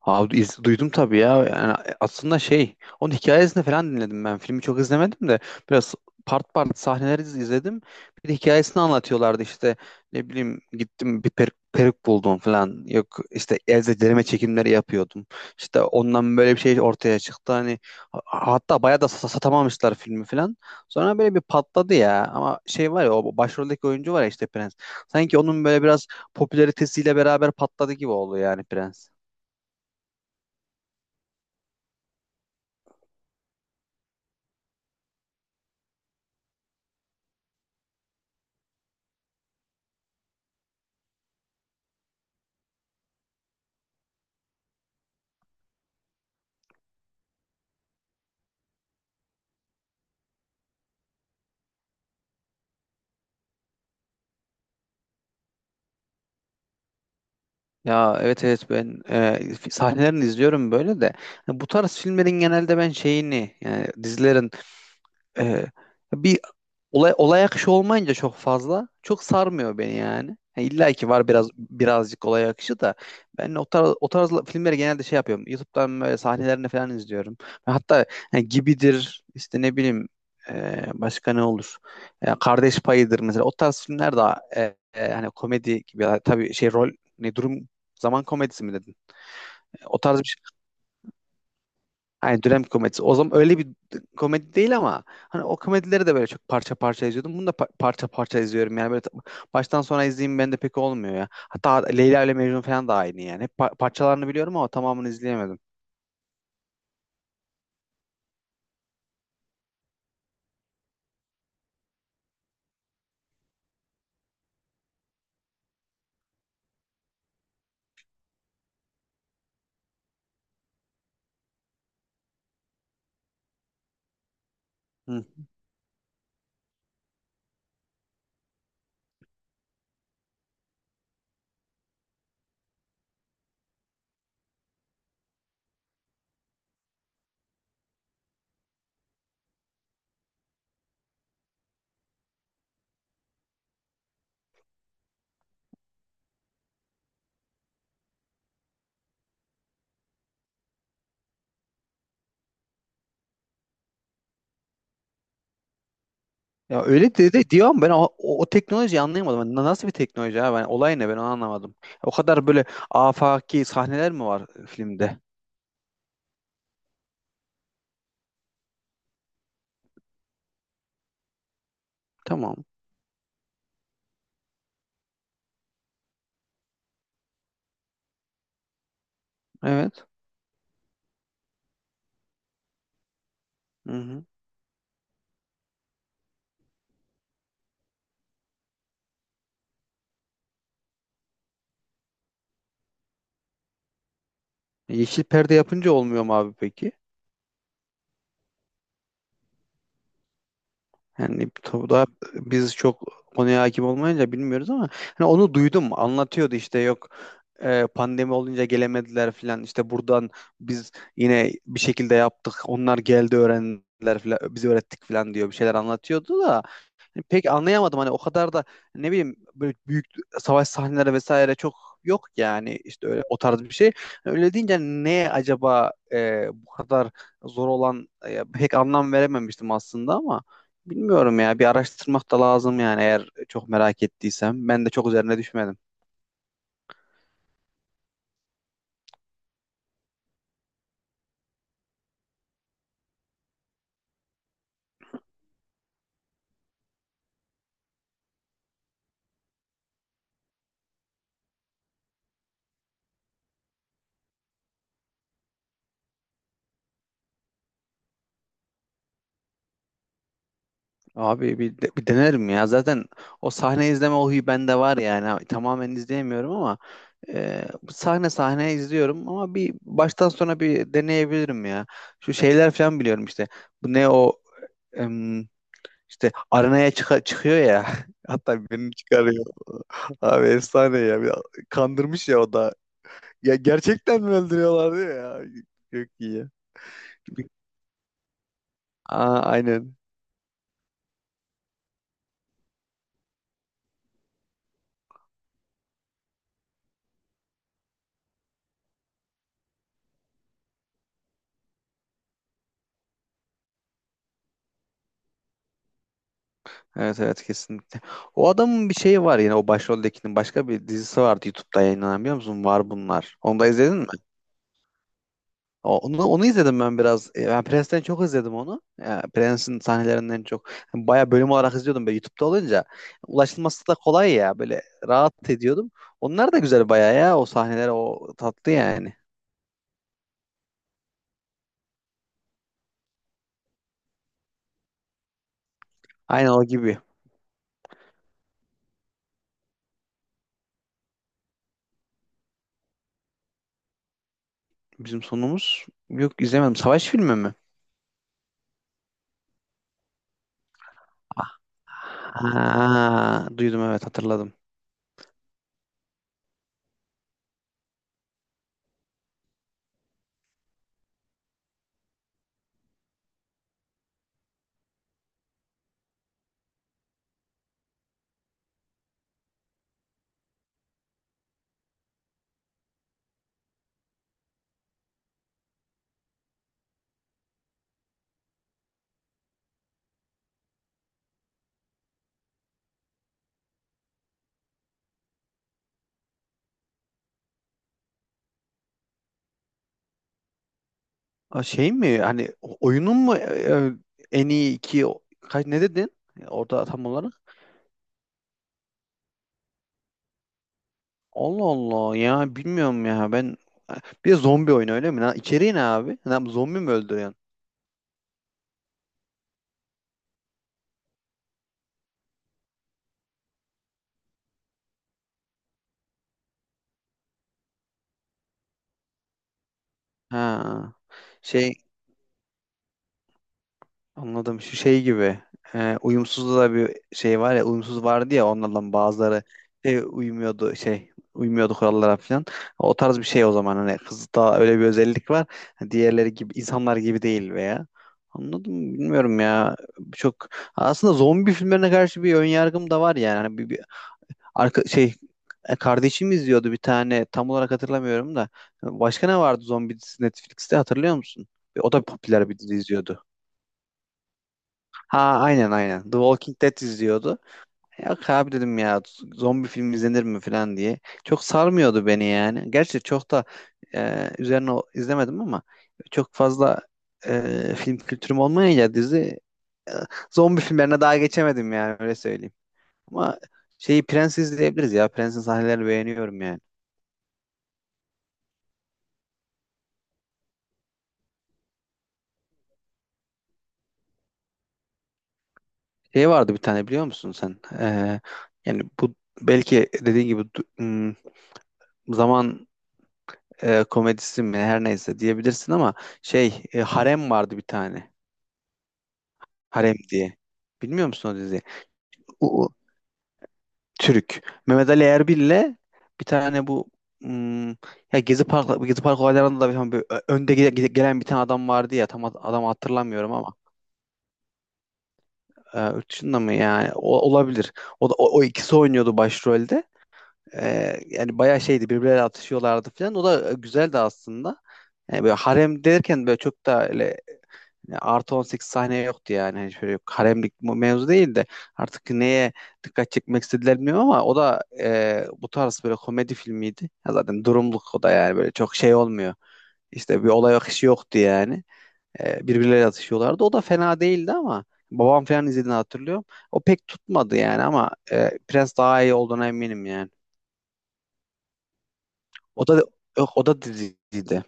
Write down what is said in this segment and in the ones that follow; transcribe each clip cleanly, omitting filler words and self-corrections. Abi duydum tabii ya. Yani aslında şey, onun hikayesini falan dinledim ben. Filmi çok izlemedim de biraz part part sahneleri izledim. Bir de hikayesini anlatıyorlardı işte ne bileyim gittim bir peruk buldum falan. Yok işte elde derime çekimleri yapıyordum. İşte ondan böyle bir şey ortaya çıktı. Hani hatta bayağı da satamamışlar filmi falan. Sonra böyle bir patladı ya. Ama şey var ya, o başroldeki oyuncu var ya işte, Prens. Sanki onun böyle biraz popülaritesiyle beraber patladı gibi oldu yani Prens. Ya evet evet, ben sahnelerini izliyorum böyle de. Hani bu tarz filmlerin genelde ben şeyini, yani dizilerin e, bir olay akışı olmayınca çok fazla, çok sarmıyor beni yani. Ha, İlla ki var biraz birazcık olay akışı da, ben o tarz filmleri genelde şey yapıyorum. YouTube'dan böyle sahnelerini falan izliyorum. Ve hatta ha, Gibidir işte, ne bileyim, başka ne olur? Kardeş Payı'dır mesela. O tarz filmler daha hani komedi gibi. Ya tabii, şey rol, ne durum, zaman komedisi mi dedin? O tarz bir şey. Hani dönem komedisi. O zaman öyle bir komedi değil, ama hani o komedileri de böyle çok parça parça izliyordum. Bunu da parça parça izliyorum. Yani böyle baştan sona izleyeyim bende pek olmuyor ya. Hatta Leyla ile Mecnun falan da aynı yani. Hep parçalarını biliyorum ama tamamını izleyemedim. Hı. Ya öyle dedi de, diyorum ben, o teknolojiyi anlayamadım. Hani nasıl bir teknoloji abi? Yani olay ne, ben onu anlamadım. O kadar böyle afaki sahneler mi var filmde? Tamam. Evet. Hı hı. Yeşil perde yapınca olmuyor mu abi peki? Yani tabii, daha biz çok konuya hakim olmayınca bilmiyoruz ama hani onu duydum, anlatıyordu işte, yok pandemi olunca gelemediler filan işte, buradan biz yine bir şekilde yaptık, onlar geldi öğrendiler filan, bizi öğrettik filan diyor, bir şeyler anlatıyordu da. Hani pek anlayamadım, hani o kadar da ne bileyim böyle büyük savaş sahneleri vesaire çok yok yani işte, öyle o tarz bir şey. Hani öyle deyince hani ne acaba bu kadar zor olan pek anlam verememiştim aslında, ama bilmiyorum ya, bir araştırmak da lazım yani, eğer çok merak ettiysem. Ben de çok üzerine düşmedim. Abi bir denerim ya. Zaten o sahne izleme, o huyu bende var yani. Ha, tamamen izleyemiyorum ama sahne sahne izliyorum, ama bir baştan sona bir deneyebilirim ya. Şu şeyler falan biliyorum işte. Bu ne, o em, işte arenaya çıkıyor ya. Hatta birini çıkarıyor. Abi efsane ya. Kandırmış ya o da. Ya gerçekten mi öldürüyorlar diyor ya. Çok iyi. Aa, aynen. Evet evet, kesinlikle. O adamın bir şeyi var, yine o başroldekinin başka bir dizisi vardı YouTube'da yayınlanan, biliyor musun? Var bunlar. Onu da izledin mi? Onu izledim ben biraz. Ben Prens'ten çok izledim onu. Prens'in sahnelerinden çok. Bayağı bölüm olarak izliyordum böyle YouTube'da olunca. Ulaşılması da kolay ya, böyle rahat ediyordum. Onlar da güzel bayağı ya, o sahneler o tatlı yani. Aynen, o gibi. Bizim sonumuz, yok izlemedim. Savaş filmi mi? Ah, ha, duydum, evet, hatırladım. Aa, şey mi, hani oyunun mu en iyi iki kaç ne dedin orada tam olarak? Allah Allah ya, bilmiyorum ya ben, bir de zombi oyunu öyle mi? Lan? İçeriği ne abi? Lan, zombi mi öldürüyorsun? Ha. Şey, anladım. Şu şey gibi. Uyumsuz da bir şey var ya. Uyumsuz vardı ya, onlardan bazıları şey uymuyordu, şey uymuyordu kurallara falan. O tarz bir şey o zaman, hani kızda öyle bir özellik var. Hani diğerleri gibi, insanlar gibi değil veya. Anladım, bilmiyorum ya. Çok aslında zombi filmlerine karşı bir ön yargım da var yani. Hani bir arka şey, kardeşim izliyordu bir tane, tam olarak hatırlamıyorum da. Başka ne vardı zombi dizisi Netflix'te, hatırlıyor musun? O da popüler bir dizi izliyordu. Ha, aynen aynen. The Walking Dead izliyordu. Yok abi, dedim ya, zombi film izlenir mi falan diye. Çok sarmıyordu beni yani. Gerçi çok da üzerine izlemedim ama çok fazla film kültürüm olmayınca dizi e, zombi filmlerine daha geçemedim yani, öyle söyleyeyim. Ama şeyi, Prens izleyebiliriz ya. Prens'in sahnelerini beğeniyorum yani. Şey vardı bir tane, biliyor musun sen? Yani bu, belki dediğin gibi zaman komedisi mi her neyse diyebilirsin ama şey Harem vardı bir tane. Harem diye. Bilmiyor musun o diziyi? O Türk. Mehmet Ali Erbil'le bir tane, bu hmm, ya Gezi Park olaylarında da bir, hani böyle önde gelen bir tane adam vardı ya, tam adamı hatırlamıyorum ama yurt dışında mı, yani o, olabilir. O da o ikisi oynuyordu başrolde. Yani bayağı şeydi, birbirleriyle atışıyorlardı falan. O da güzeldi aslında. Yani böyle harem derken, böyle çok da, yani artı 18 saniye yoktu yani. Hani şöyle haremlik mevzu değil de artık neye dikkat çekmek istediler bilmiyorum, ama o da bu tarz böyle komedi filmiydi. Ya zaten durumluk o da, yani böyle çok şey olmuyor. İşte bir olay akışı yoktu yani. Birbirleriyle atışıyorlardı. O da fena değildi ama, babam falan izlediğini hatırlıyorum. O pek tutmadı yani, ama Prens daha iyi olduğuna eminim yani. O da, yok, o da diziydi.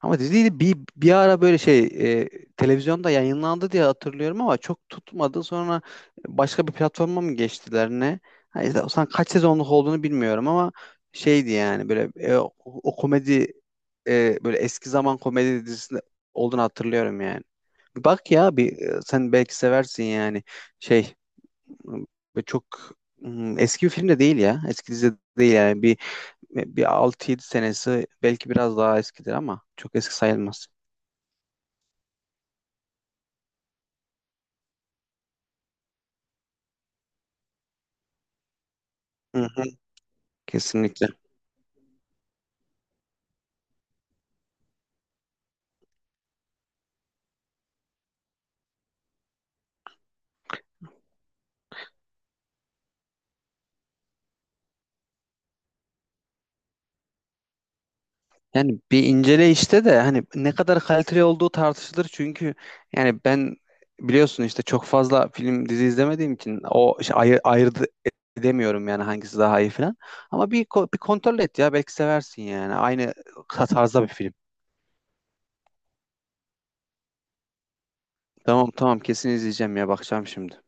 Ama diziydi, bir ara böyle şey e, televizyonda yayınlandı diye hatırlıyorum ama çok tutmadı. Sonra başka bir platforma mı geçtiler ne? Ha, işte, o zaman kaç sezonluk olduğunu bilmiyorum ama şeydi yani, böyle o komedi, böyle eski zaman komedi dizisinde olduğunu hatırlıyorum yani. Bir bak ya, bir sen belki seversin yani, şey çok eski bir film de değil ya, eski dizi de değil yani, bir bir 6 7 senesi belki, biraz daha eskidir ama çok eski sayılmaz. Hı hı, kesinlikle. Yani bir incele işte de, hani ne kadar kaliteli olduğu tartışılır çünkü, yani ben, biliyorsun işte çok fazla film dizi izlemediğim için o şey, ayırt edemiyorum yani hangisi daha iyi falan. Ama bir kontrol et ya, belki seversin yani. Aynı tarzda bir film. Tamam tamam, kesin izleyeceğim ya, bakacağım şimdi.